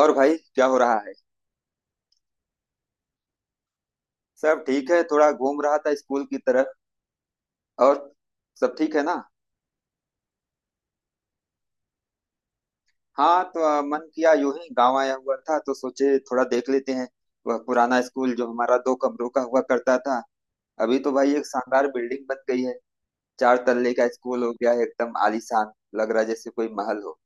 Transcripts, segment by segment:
और भाई, क्या हो रहा है। सब ठीक है, थोड़ा घूम रहा था स्कूल की तरफ। और सब ठीक है ना। हाँ, तो मन किया, यूं ही गांव आया हुआ था तो सोचे थोड़ा देख लेते हैं। वह पुराना स्कूल जो हमारा दो कमरों का हुआ करता था, अभी तो भाई एक शानदार बिल्डिंग बन गई है। चार तल्ले का स्कूल हो गया है, एकदम आलीशान। लग रहा है जैसे कोई महल हो।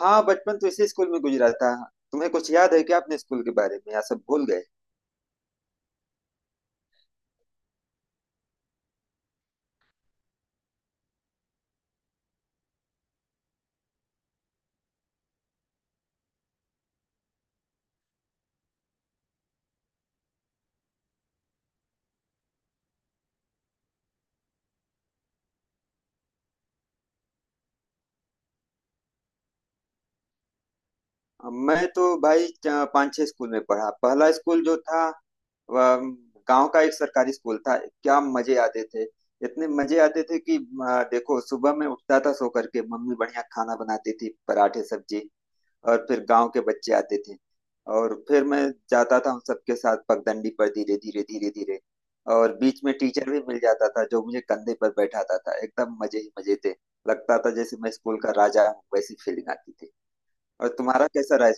हाँ, बचपन तो इसी स्कूल में गुजरा था। तुम्हें कुछ याद है क्या अपने स्कूल के बारे में, या सब भूल गए। अब मैं तो भाई पाँच छह स्कूल में पढ़ा। पहला स्कूल जो था, वह गांव का एक सरकारी स्कूल था। क्या मजे आते थे। इतने मजे आते थे कि देखो, सुबह में उठता था, सो करके मम्मी बढ़िया खाना बनाती थी, पराठे सब्जी। और फिर गांव के बच्चे आते थे, और फिर मैं जाता था उन सबके साथ पगडंडी पर, धीरे धीरे धीरे धीरे। और बीच में टीचर भी मिल जाता था जो मुझे कंधे पर बैठाता था, एकदम मजे ही मजे थे। लगता था जैसे मैं स्कूल का राजा हूँ, वैसी फीलिंग आती थी। और तुम्हारा कैसा रहा।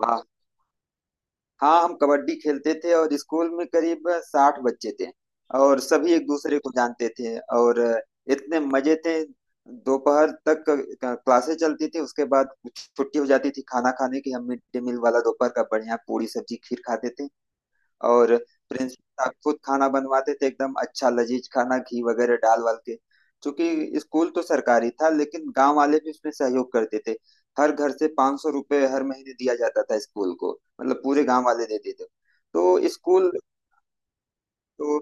वाह। हाँ, हम कबड्डी खेलते थे और स्कूल में करीब 60 बच्चे थे, और सभी एक दूसरे को जानते थे। और इतने मजे थे। दोपहर तक क्लासें चलती थी, उसके बाद छुट्टी हो जाती थी खाना खाने की। हम मिड डे मील वाला दोपहर का बढ़िया पूरी सब्जी खीर खाते थे। और प्रिंसिपल साहब खुद खाना बनवाते थे, एकदम अच्छा लजीज खाना, घी वगैरह डाल वाल के। क्योंकि स्कूल तो सरकारी था, लेकिन गांव वाले भी उसमें सहयोग करते थे। हर घर से 500 रुपये हर महीने दिया जाता था स्कूल को। मतलब पूरे गांव वाले देते थे तो स्कूल। तो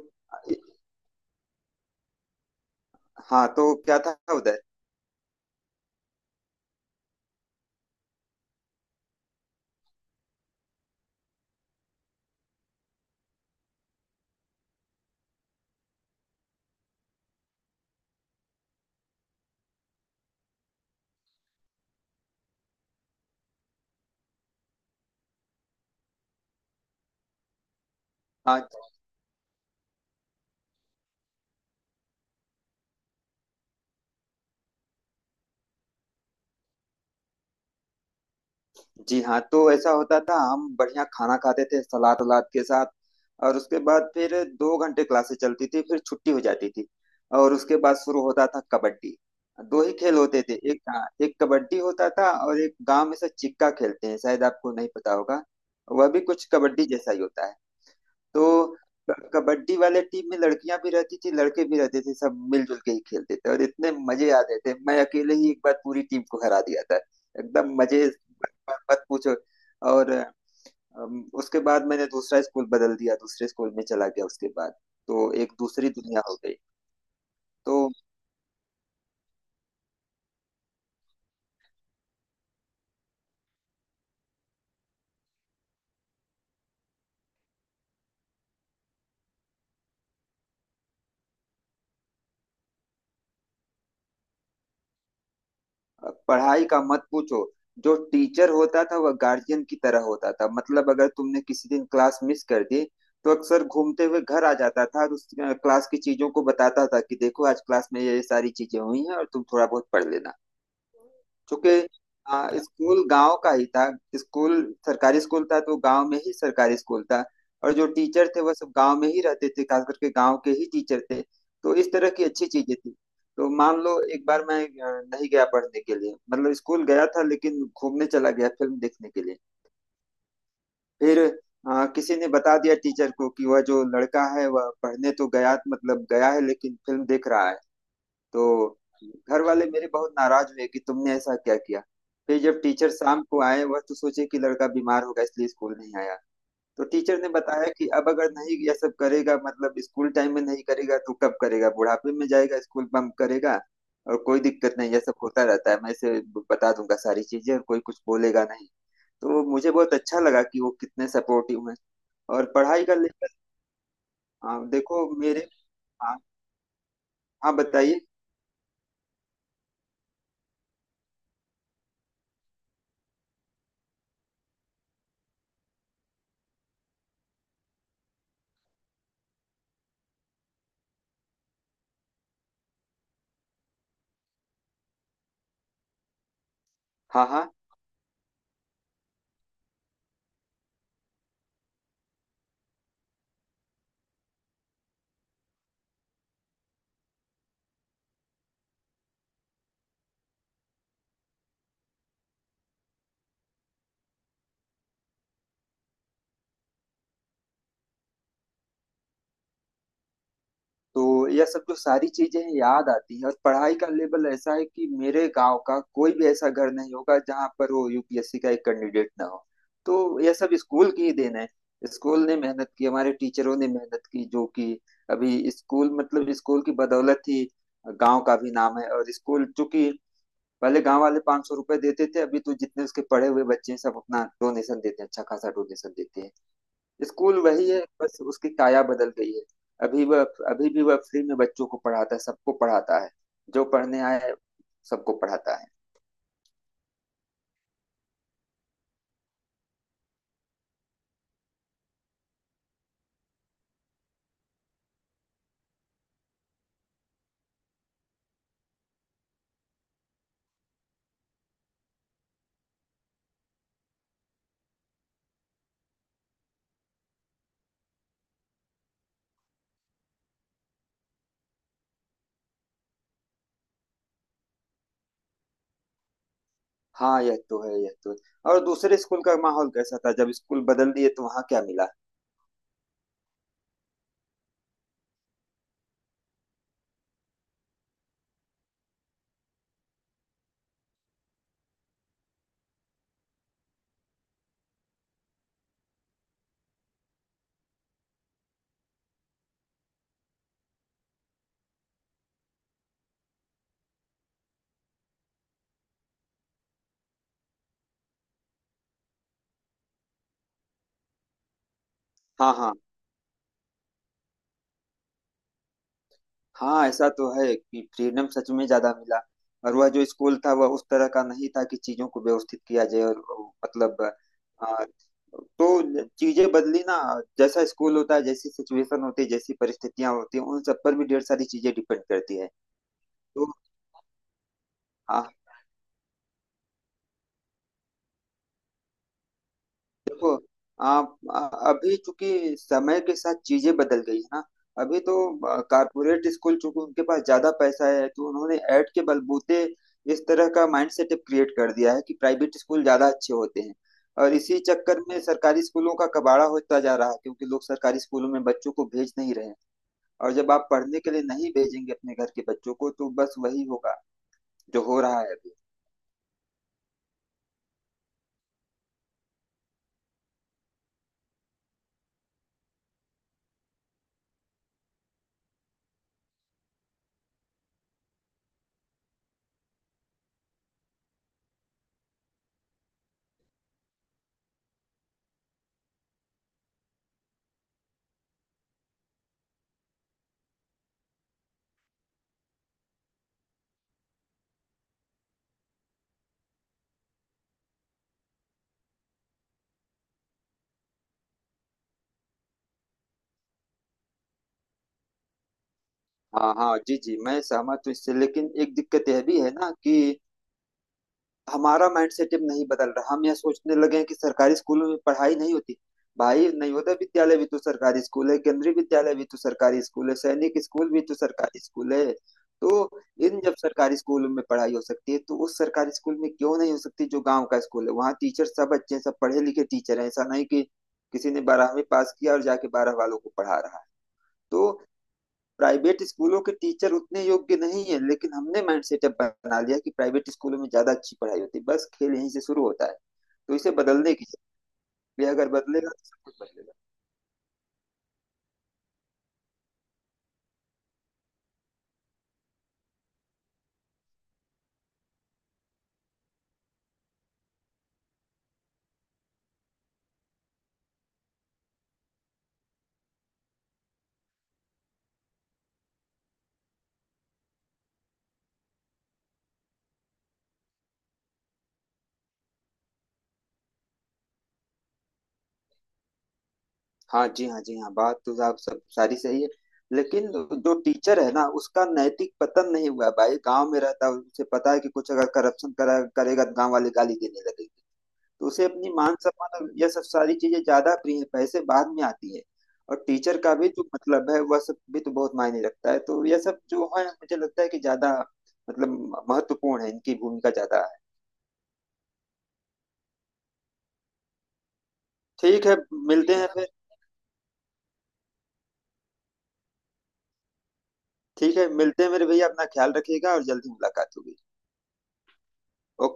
हाँ, तो क्या था उधर। हाँ जी। हाँ, तो ऐसा होता था। हम बढ़िया खाना खाते थे, सलाद वलाद के साथ। और उसके बाद फिर 2 घंटे क्लासेस चलती थी, फिर छुट्टी हो जाती थी। और उसके बाद शुरू होता था कबड्डी। दो ही खेल होते थे, एक एक कबड्डी होता था और एक गांव में से चिक्का खेलते हैं, शायद आपको नहीं पता होगा। वह भी कुछ कबड्डी जैसा ही होता है। तो कबड्डी वाले टीम में लड़कियां भी रहती थी, लड़के भी रहते थे, सब मिलजुल के ही खेलते थे। और इतने मजे आते थे, मैं अकेले ही एक बार पूरी टीम को हरा दिया था। एकदम मजे। मत मत पूछो। और उसके बाद मैंने दूसरा स्कूल बदल दिया, दूसरे स्कूल में चला गया। उसके बाद तो एक दूसरी दुनिया हो गई। तो पढ़ाई का मत पूछो। जो टीचर होता था वह गार्जियन की तरह होता था। मतलब अगर तुमने किसी दिन क्लास मिस कर दी, तो अक्सर घूमते हुए घर आ जाता था और उस क्लास की चीजों को बताता था कि देखो आज क्लास में ये सारी चीजें हुई हैं और तुम थोड़ा बहुत पढ़ लेना। चूंकि स्कूल गांव का ही था। स्कूल सरकारी स्कूल था, तो गांव में ही सरकारी स्कूल था। और जो टीचर थे वह सब गांव में ही रहते थे, खास करके गांव के ही टीचर थे। तो इस तरह की अच्छी चीजें थी। तो मान लो, एक बार मैं नहीं गया पढ़ने के लिए, मतलब स्कूल गया था लेकिन घूमने चला गया फिल्म देखने के लिए। फिर किसी ने बता दिया टीचर को कि वह जो लड़का है वह पढ़ने तो गया, मतलब गया है, लेकिन फिल्म देख रहा है। तो घर वाले मेरे बहुत नाराज हुए कि तुमने ऐसा क्या किया। फिर जब टीचर शाम को आए, वह तो सोचे कि लड़का बीमार होगा इसलिए स्कूल नहीं आया। तो टीचर ने बताया कि अब अगर नहीं यह सब करेगा, मतलब स्कूल टाइम में नहीं करेगा, तो कब करेगा, बुढ़ापे में जाएगा स्कूल बंक करेगा। और कोई दिक्कत नहीं, यह सब होता रहता है, मैं इसे बता दूंगा सारी चीजें और कोई कुछ बोलेगा नहीं। तो मुझे बहुत अच्छा लगा कि वो कितने सपोर्टिव हैं। और पढ़ाई का लेकर। हाँ, देखो मेरे। हाँ हाँ, बताइए। हाँ हाँ। तो यह सब जो सारी चीजें हैं, याद आती है। और पढ़ाई का लेवल ऐसा है कि मेरे गांव का कोई भी ऐसा घर नहीं होगा जहां पर वो यूपीएससी का एक कैंडिडेट ना हो। तो यह सब स्कूल की ही देन है। स्कूल ने मेहनत की, हमारे टीचरों ने मेहनत की, जो कि अभी स्कूल, मतलब स्कूल की बदौलत ही गांव का भी नाम है। और स्कूल, चूंकि पहले गांव वाले 500 रुपए देते थे, अभी तो जितने उसके पढ़े हुए बच्चे हैं सब अपना डोनेशन देते हैं, अच्छा खासा डोनेशन देते हैं। स्कूल वही है, बस उसकी काया बदल गई है। अभी वह, अभी भी वह फ्री में बच्चों को पढ़ाता है, सबको पढ़ाता है, जो पढ़ने आए सबको पढ़ाता है। हाँ, यह तो है, यह तो है। और दूसरे स्कूल का माहौल कैसा था, जब स्कूल बदल दिए तो वहाँ क्या मिला। हाँ हाँ। हाँ, ऐसा तो है कि फ्रीडम सच में ज्यादा मिला। और वह जो स्कूल था वह उस तरह का नहीं था कि चीजों को व्यवस्थित किया जाए और, मतलब आ, तो चीजें बदली ना। जैसा स्कूल होता है, जैसी सिचुएशन होती है, जैसी परिस्थितियां होती हैं, उन सब पर भी ढेर सारी चीजें डिपेंड करती है। तो हाँ, देखो, आप अभी, चूंकि समय के साथ चीजें बदल गई है ना, अभी तो कारपोरेट स्कूल, चूंकि उनके पास ज्यादा पैसा है, तो उन्होंने ऐड के बलबूते इस तरह का माइंडसेट क्रिएट कर दिया है कि प्राइवेट स्कूल ज्यादा अच्छे होते हैं। और इसी चक्कर में सरकारी स्कूलों का कबाड़ा होता जा रहा है, क्योंकि लोग सरकारी स्कूलों में बच्चों को भेज नहीं रहे हैं। और जब आप पढ़ने के लिए नहीं भेजेंगे अपने घर के बच्चों को, तो बस वही होगा जो हो रहा है अभी। हाँ हाँ, जी जी, मैं सहमत हूँ इससे। लेकिन एक दिक्कत यह भी है ना कि हमारा माइंड सेट अब नहीं बदल रहा। हम यह सोचने लगे हैं कि सरकारी स्कूलों में पढ़ाई नहीं होती। भाई, नवोदय विद्यालय भी तो सरकारी स्कूल है, केंद्रीय विद्यालय भी तो सरकारी स्कूल है, सैनिक स्कूल भी तो सरकारी स्कूल है। तो इन जब सरकारी स्कूलों में पढ़ाई हो सकती है, तो उस सरकारी स्कूल में क्यों नहीं हो सकती जो गांव का स्कूल है। वहाँ टीचर सब अच्छे हैं, सब पढ़े लिखे टीचर हैं। ऐसा नहीं कि किसी ने 12वीं पास किया और जाके बारह वालों को पढ़ा रहा है। तो प्राइवेट स्कूलों के टीचर उतने योग्य नहीं है, लेकिन हमने माइंड सेटअप बना लिया कि प्राइवेट स्कूलों में ज्यादा अच्छी पढ़ाई होती है। बस खेल यहीं से शुरू होता है। तो इसे बदलने की जरूरत है। अगर बदलेगा तो सब कुछ बदलेगा। हाँ जी, हाँ जी, हाँ, बात तो आप सब सारी सही है। लेकिन जो टीचर है ना, उसका नैतिक पतन नहीं हुआ है। भाई गांव में रहता है, उसे पता है कि कुछ अगर करप्शन करा करेगा तो गांव वाले गाली देने लगेंगे। तो उसे अपनी मान सम्मान और यह सब सारी चीजें ज्यादा प्रिय, पैसे बाद में आती है। और टीचर का भी जो मतलब है वह सब भी तो बहुत मायने रखता है। तो यह सब जो है, मुझे लगता है कि ज्यादा, मतलब महत्वपूर्ण है, इनकी भूमिका ज्यादा है। ठीक है, मिलते हैं फिर। ठीक है, मिलते हैं मेरे भैया, अपना ख्याल रखिएगा और जल्दी मुलाकात होगी। ओके।